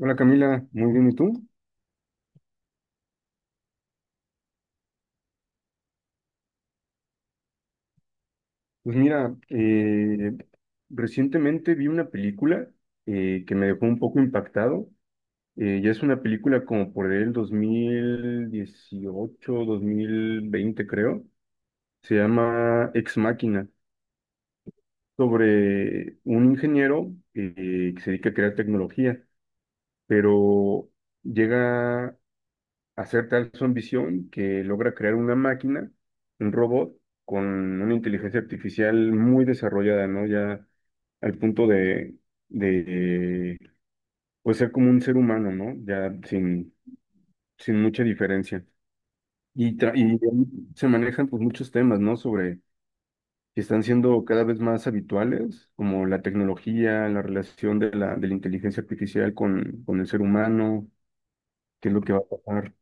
Hola Camila, muy bien, ¿y tú? Pues mira, recientemente vi una película que me dejó un poco impactado. Ya es una película como por el dos mil dieciocho 2020 creo. Se llama Ex Máquina sobre un ingeniero que se dedica a crear tecnología, pero llega hacer tal su ambición que logra crear una máquina, un robot, con una inteligencia artificial muy desarrollada, ¿no? Ya al punto de pues ser como un ser humano, ¿no? Ya sin mucha diferencia. Y se manejan pues muchos temas, ¿no? Sobre que están siendo cada vez más habituales, como la tecnología, la relación de la inteligencia artificial con el ser humano, qué es lo que va a pasar.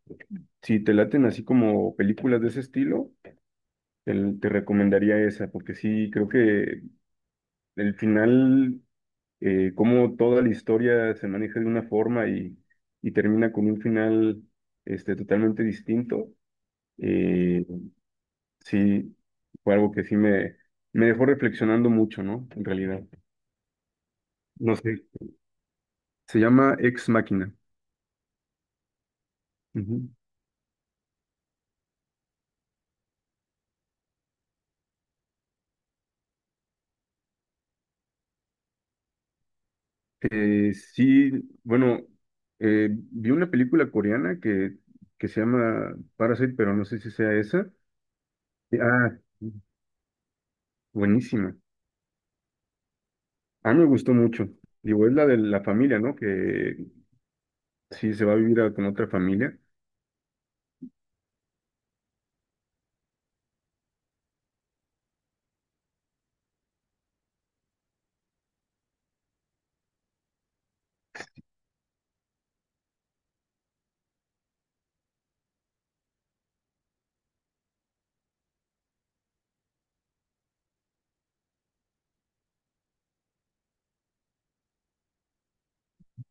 Si te laten así como películas de ese estilo, Te, te recomendaría esa, porque sí, creo que el final, como toda la historia se maneja de una forma y termina con un final este, totalmente distinto, eh, sí, fue algo que sí me dejó reflexionando mucho, ¿no? En realidad, no sé, se llama Ex máquina. Ujú. Sí, bueno, vi una película coreana que se llama Parasite, pero no sé si sea esa. Ah, buenísima. A mí me gustó mucho. Digo, es la de la familia, ¿no? Que sí se va a vivir con otra familia.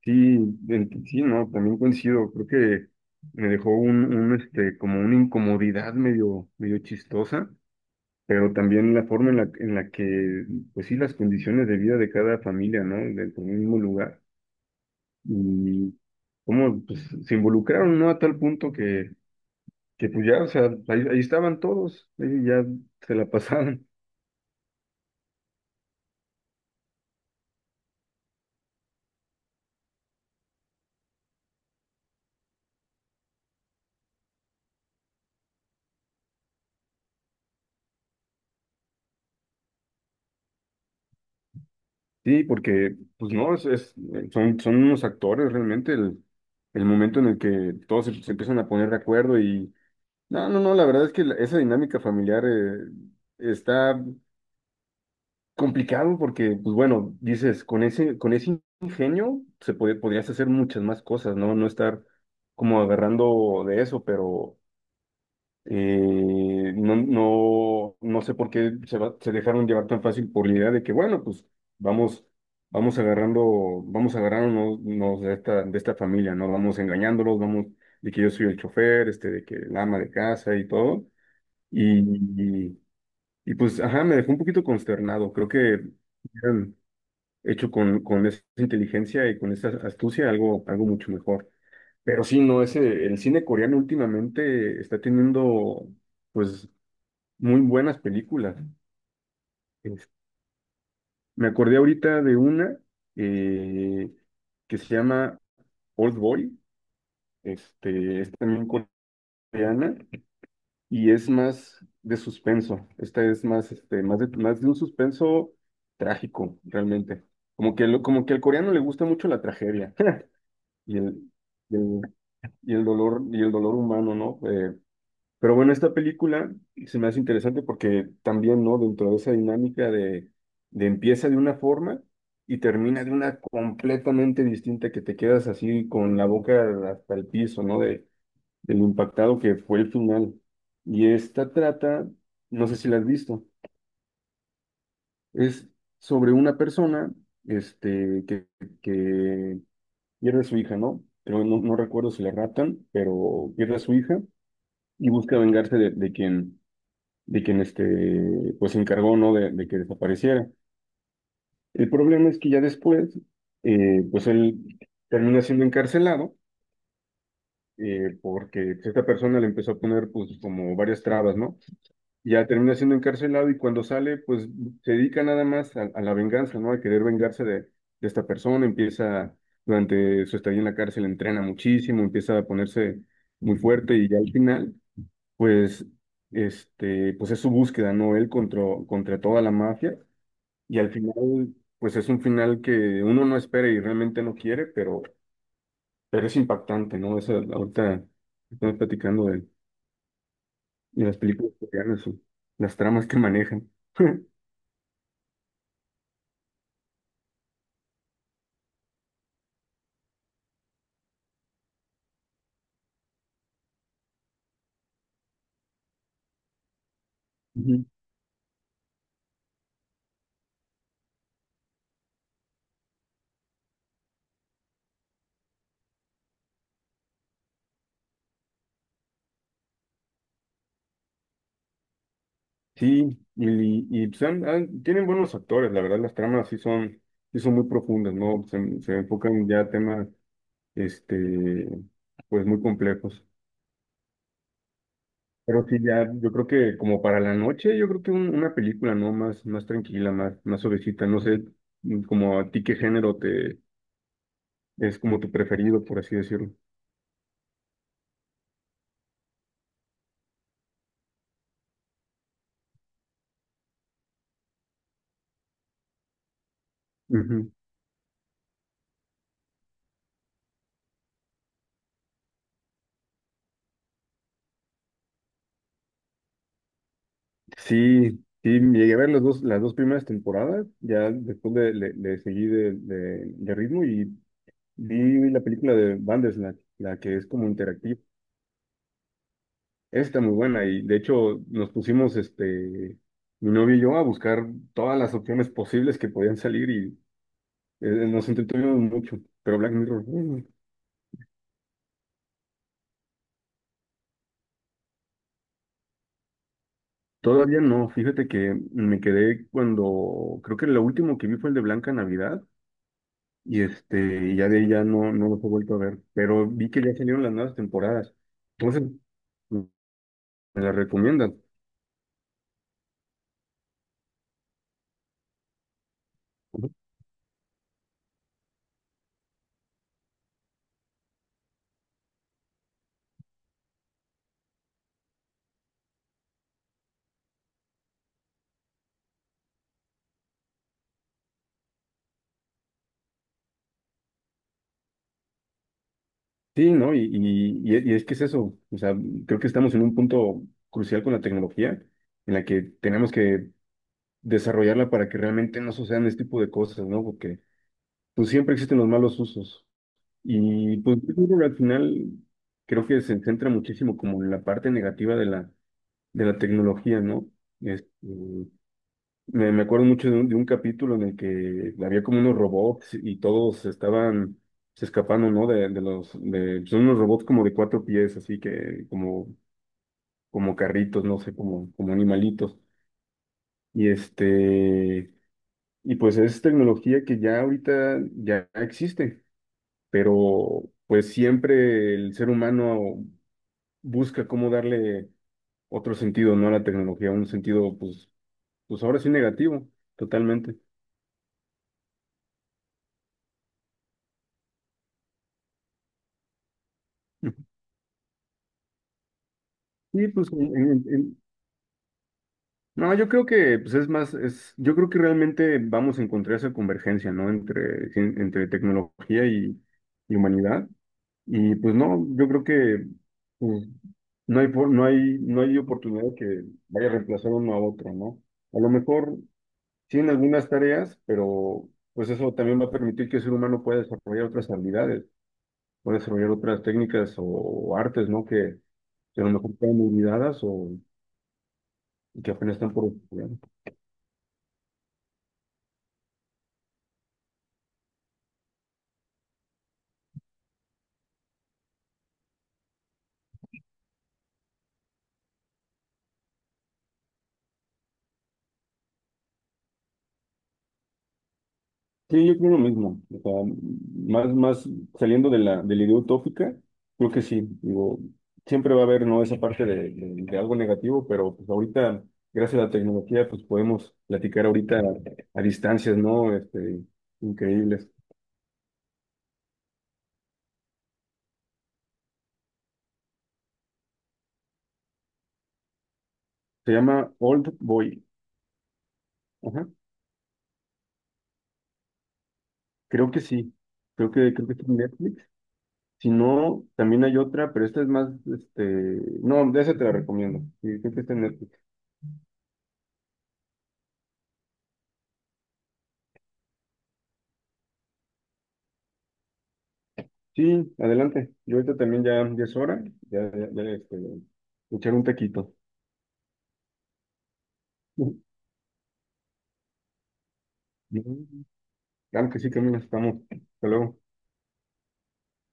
Sí, sí, no, también coincido. Creo que me dejó un, un, como una incomodidad medio chistosa, pero también la forma en la que, pues sí, las condiciones de vida de cada familia, ¿no? Dentro del mismo lugar. Y cómo, pues, se involucraron, ¿no? A tal punto que pues ya, o sea, ahí estaban todos, ahí ya se la pasaban. Sí, porque, pues no, es, son unos actores realmente el momento en el que todos se empiezan a poner de acuerdo y no, no, no, la verdad es que esa dinámica familiar está complicado porque, pues bueno, dices, con ese ingenio podrías hacer muchas más cosas, ¿no? No estar como agarrando de eso, pero no, no, no sé por qué se dejaron llevar tan fácil por la idea de que, bueno, pues vamos, vamos agarrando, vamos agarrándonos de esta familia, ¿no? Vamos engañándolos, vamos, de que yo soy el chofer, este, de que el ama de casa y todo. Y, y, y, pues, ajá, me dejó un poquito consternado. Creo que hubieran hecho con esa inteligencia y con esa astucia algo mucho mejor. Pero sí, no, ese, el cine coreano últimamente está teniendo, pues, muy buenas películas. Es- me acordé ahorita de una eh, que se llama Old Boy. Este, es también coreana y es más de suspenso. Esta es más, este, más de un suspenso trágico, realmente. Como que, como que al coreano le gusta mucho la tragedia y y el, el dolor, y el dolor humano, ¿no? Pero bueno, esta película se me hace interesante porque también, ¿no? Dentro de esa dinámica de, empieza de una forma y termina de una completamente distinta que te quedas así con la boca hasta el piso, ¿no? Del impactado que fue el final. Y esta trata, no sé si la has visto, es sobre una persona, este, que pierde a su hija, ¿no? Pero no, no recuerdo si la raptan, pero pierde a su hija y busca vengarse de quien este, pues se encargó, ¿no? De que desapareciera. El problema es que ya después, pues él termina siendo encarcelado, porque pues, esta persona le empezó a poner, pues, como varias trabas, ¿no? Ya termina siendo encarcelado y cuando sale, pues, se dedica nada más a la venganza, ¿no? A querer vengarse de esta persona, empieza, durante su estadía en la cárcel, entrena muchísimo, empieza a ponerse muy fuerte y ya al final, pues, este, pues es su búsqueda, ¿no? Él contra, contra toda la mafia. Y al final, pues es un final que uno no espera y realmente no quiere, pero es impactante, ¿no? Esa, ahorita estamos platicando de las películas coreanas, o las tramas que manejan. Ujú. Sí, y, pues, tienen buenos actores, la verdad, las tramas sí son muy profundas, ¿no? Se enfocan ya a temas, este, pues muy complejos. Pero sí, ya, yo creo que como para la noche, yo creo que una película, ¿no? Más, más tranquila, más, más suavecita. No sé, como a ti qué género te es como tu preferido, por así decirlo. Ujú. Sí, sí, llegué a ver las dos primeras temporadas, ya después le seguí de ritmo y vi la película de Bandersnatch, la que es como interactiva. Está muy buena y de hecho nos pusimos, este, mi novio y yo a buscar todas las opciones posibles que podían salir. Nos entretuvimos mucho, pero Black Mirror, todavía no. Fíjate que me quedé cuando, creo que lo último que vi fue el de Blanca Navidad, y este, y ya de ahí ya no los he vuelto a ver, pero vi que ya salieron las nuevas temporadas. Entonces, mm, me las recomiendan. Ujú. Sí, ¿no? Y es que es eso, o sea, creo que estamos en un punto crucial con la tecnología en la que tenemos que desarrollarla para que realmente no sucedan este tipo de cosas, ¿no? Porque pues siempre existen los malos usos. Y pues yo creo que al final creo que se centra muchísimo como en la parte negativa de la tecnología, ¿no? Este, me acuerdo mucho de un capítulo en el que había como unos robots y todos estaban se escapando, ¿no? Son unos robots como de cuatro pies, así que como, como carritos, no sé, como, como animalitos. Y este, y pues es tecnología que ya ahorita ya existe, pero pues siempre el ser humano busca cómo darle otro sentido, ¿no? A la tecnología, un sentido, pues ahora sí negativo, totalmente. Ujú. Sí, pues, no, yo creo que, pues yo creo que realmente vamos a encontrar esa convergencia, ¿no? Entre tecnología y humanidad. Y pues no, yo creo que pues, no hay, por- no hay, no hay oportunidad que vaya a reemplazar uno a otro, ¿no? A lo mejor sí en algunas tareas, pero pues eso también va a permitir que el ser humano pueda desarrollar otras habilidades, pueda desarrollar otras técnicas o artes, ¿no? Que a lo mejor están olvidadas o que apenas están por estudiar. Sí, yo creo lo mismo. O sea, más saliendo de la idea utópica, creo que sí. Digo, siempre va a haber, ¿no? Esa parte de algo negativo, pero pues ahorita, gracias a la tecnología, pues podemos platicar ahorita a distancias, ¿no? Este, increíbles. Se llama Old Boy. Ajá, creo que sí. Creo que está en Netflix. Si no, también hay otra, pero esta es más, este, no, de esa te la recomiendo. Sí, creo que está en Netflix. Sí, adelante. Yo ahorita también ya es hora. Ya, ya, ya, este, echar un taquito. Ujú. Claro que sí, Camila, estamos. Hasta luego.